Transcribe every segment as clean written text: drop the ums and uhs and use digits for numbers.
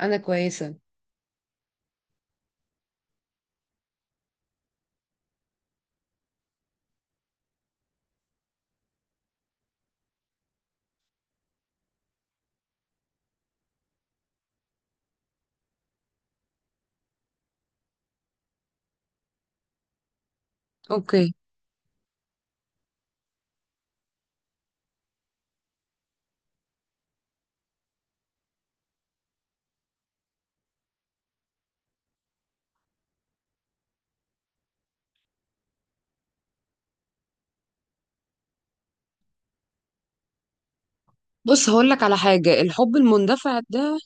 انا كويسه. اوكي. بص هقولك على حاجة، الحب المندفع ده.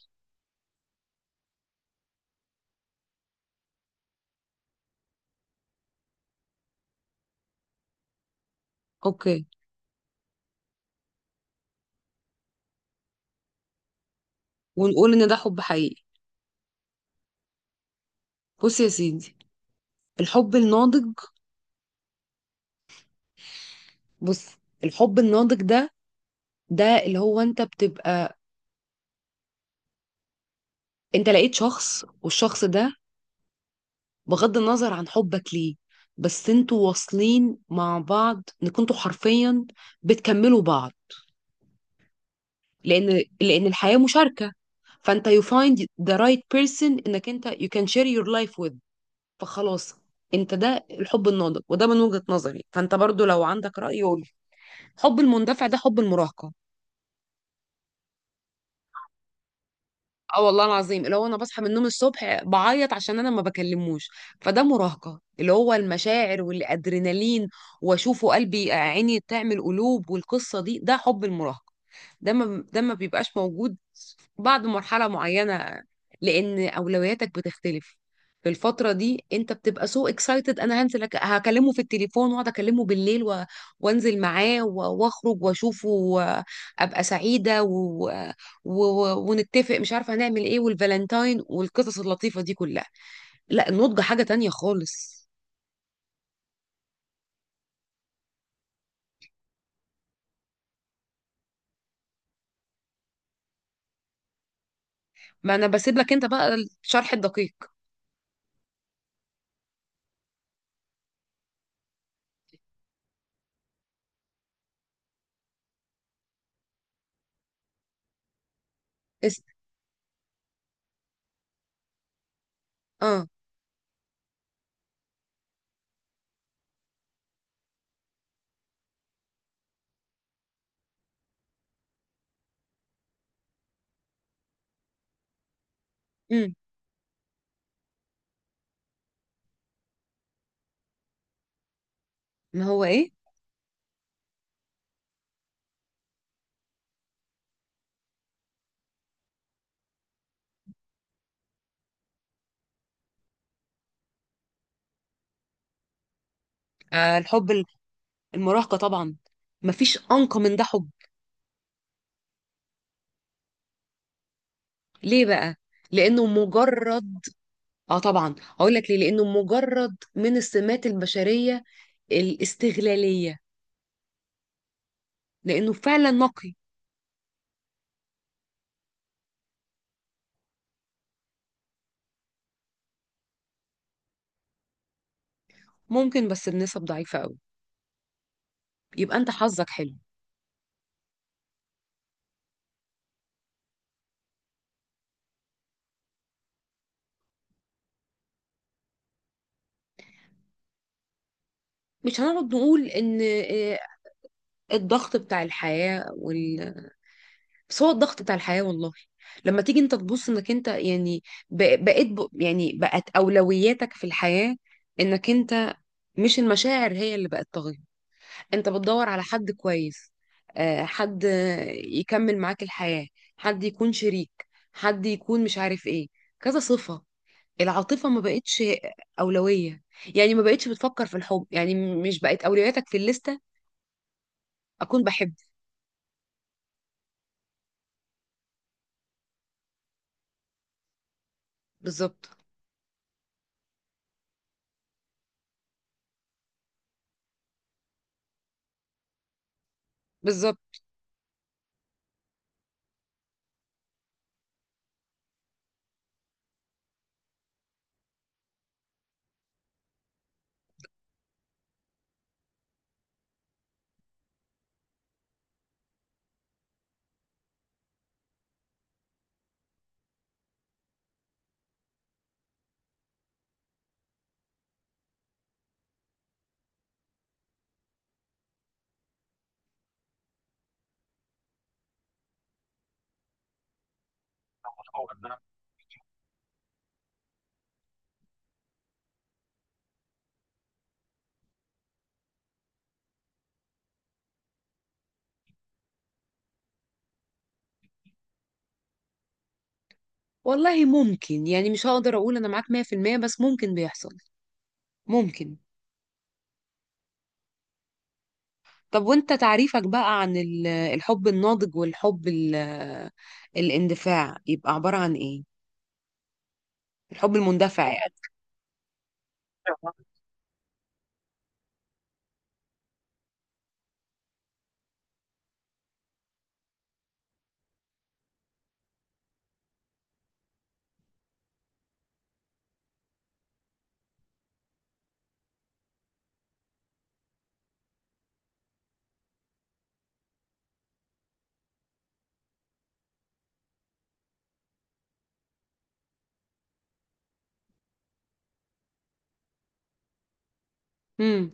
اوكي، ونقول ان ده حب حقيقي. بص يا سيدي، الحب الناضج. بص، الحب الناضج ده، ده اللي هو انت بتبقى انت لقيت شخص والشخص ده بغض النظر عن حبك ليه، بس انتوا واصلين مع بعض، ان كنتوا حرفيا بتكملوا بعض. لان الحياة مشاركة. فانت you find the right person، انك انت you can share your life with. فخلاص انت، ده الحب الناضج، وده من وجهة نظري، فانت برضو لو عندك رأي قول. حب المندفع ده حب المراهقة. اه والله العظيم، اللي هو انا بصحى من النوم الصبح بعيط عشان انا ما بكلموش. فده مراهقة، اللي هو المشاعر والادرينالين، واشوفه قلبي عيني تعمل قلوب، والقصة دي ده حب المراهقة. ده ما بيبقاش موجود بعد مرحلة معينة، لأن أولوياتك بتختلف. في الفترة دي أنت بتبقى سو اكسايتد، أنا هنزل هكلمه في التليفون وأقعد أكلمه بالليل وأنزل معاه وأخرج وأشوفه وأبقى سعيدة ونتفق مش عارفة هنعمل إيه، والفالنتاين والقصص اللطيفة دي كلها. لا، النضج حاجة تانية خالص. ما أنا بسيب لك أنت بقى الشرح الدقيق. اس... آه امم ما هو إيه؟ آه، الحب المراهقة طبعا، مفيش أنقى من ده حب. ليه بقى؟ لأنه مجرد. اه طبعا هقول لك ليه، لأنه مجرد من السمات البشرية الاستغلالية، لأنه فعلا نقي. ممكن، بس بنسب ضعيفة قوي. يبقى أنت حظك حلو. مش هنقعد نقول إن آه، الضغط بتاع الحياة بس هو الضغط بتاع الحياة والله. لما تيجي أنت تبص إنك أنت يعني يعني بقت أولوياتك في الحياة إنك أنت، مش المشاعر هي اللي بقت طاغية. انت بتدور على حد كويس، آه، حد يكمل معاك الحياة، حد يكون شريك، حد يكون مش عارف ايه، كذا صفة. العاطفة ما بقتش أولوية. يعني ما بقتش بتفكر في الحب، يعني مش بقت أولوياتك في الليستة. أكون بحب. بالظبط. بالظبط. والله ممكن، يعني مش هقدر أقول أنا معاك 100% بس ممكن بيحصل. ممكن. طب وانت تعريفك بقى عن الحب الناضج والحب الاندفاع يبقى عبارة عن ايه؟ الحب المندفع يعني. امم.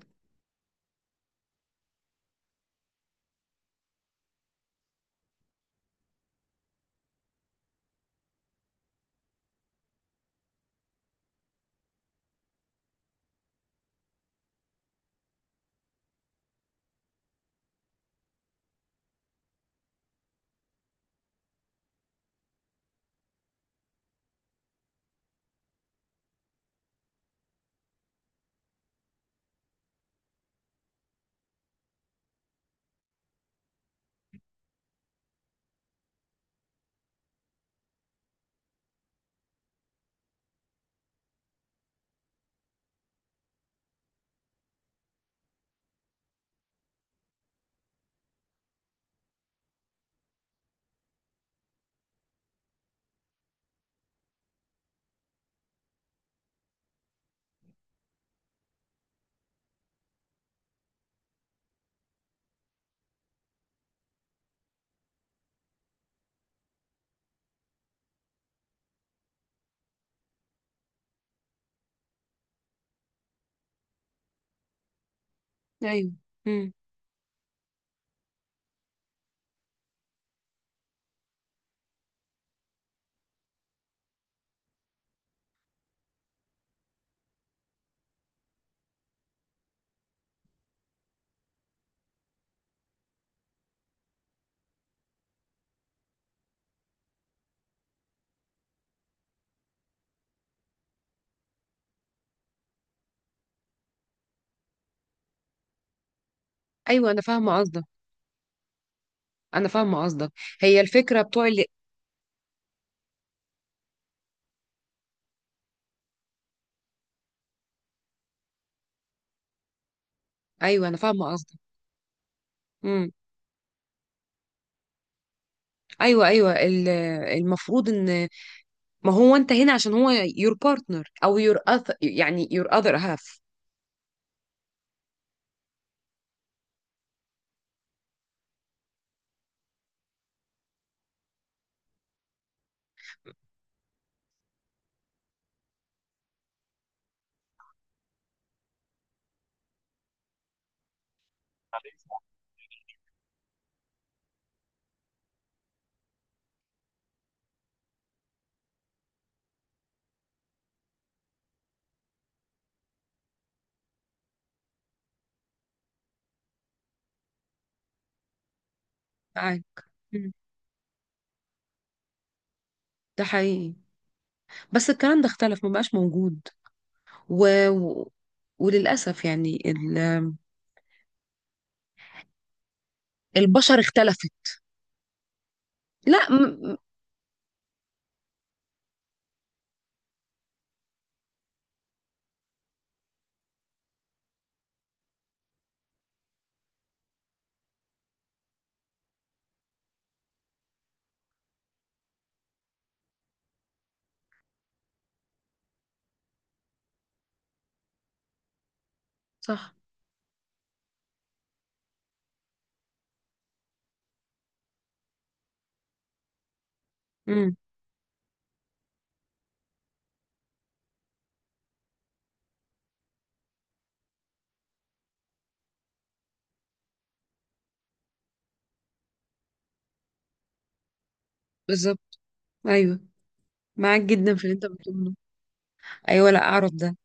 ايوه. امم. ايوه انا فاهمه قصدك، انا فاهمه قصدك. هي الفكره بتوع اللي... ايوه انا فاهمه قصدك. امم. ايوه، ايوه، المفروض ان، ما هو انت هنا عشان هو your partner او your other، يعني your other half. معاك. مم. ده حقيقي، بس الكلام ده اختلف، ما بقاش موجود. و... و... وللاسف يعني البشر اختلفت. لا م... م- صح. امم. بالظبط. ايوه، معاك جدا في اللي انت بتقوله. ايوه، لا اعرف ده.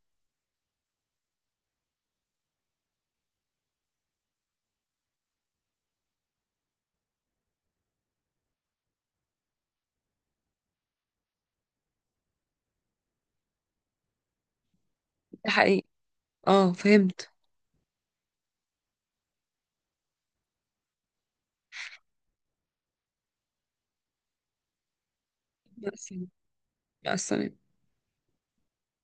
ده حقيقي. اه فهمت. مع السلامة. مع السلامة.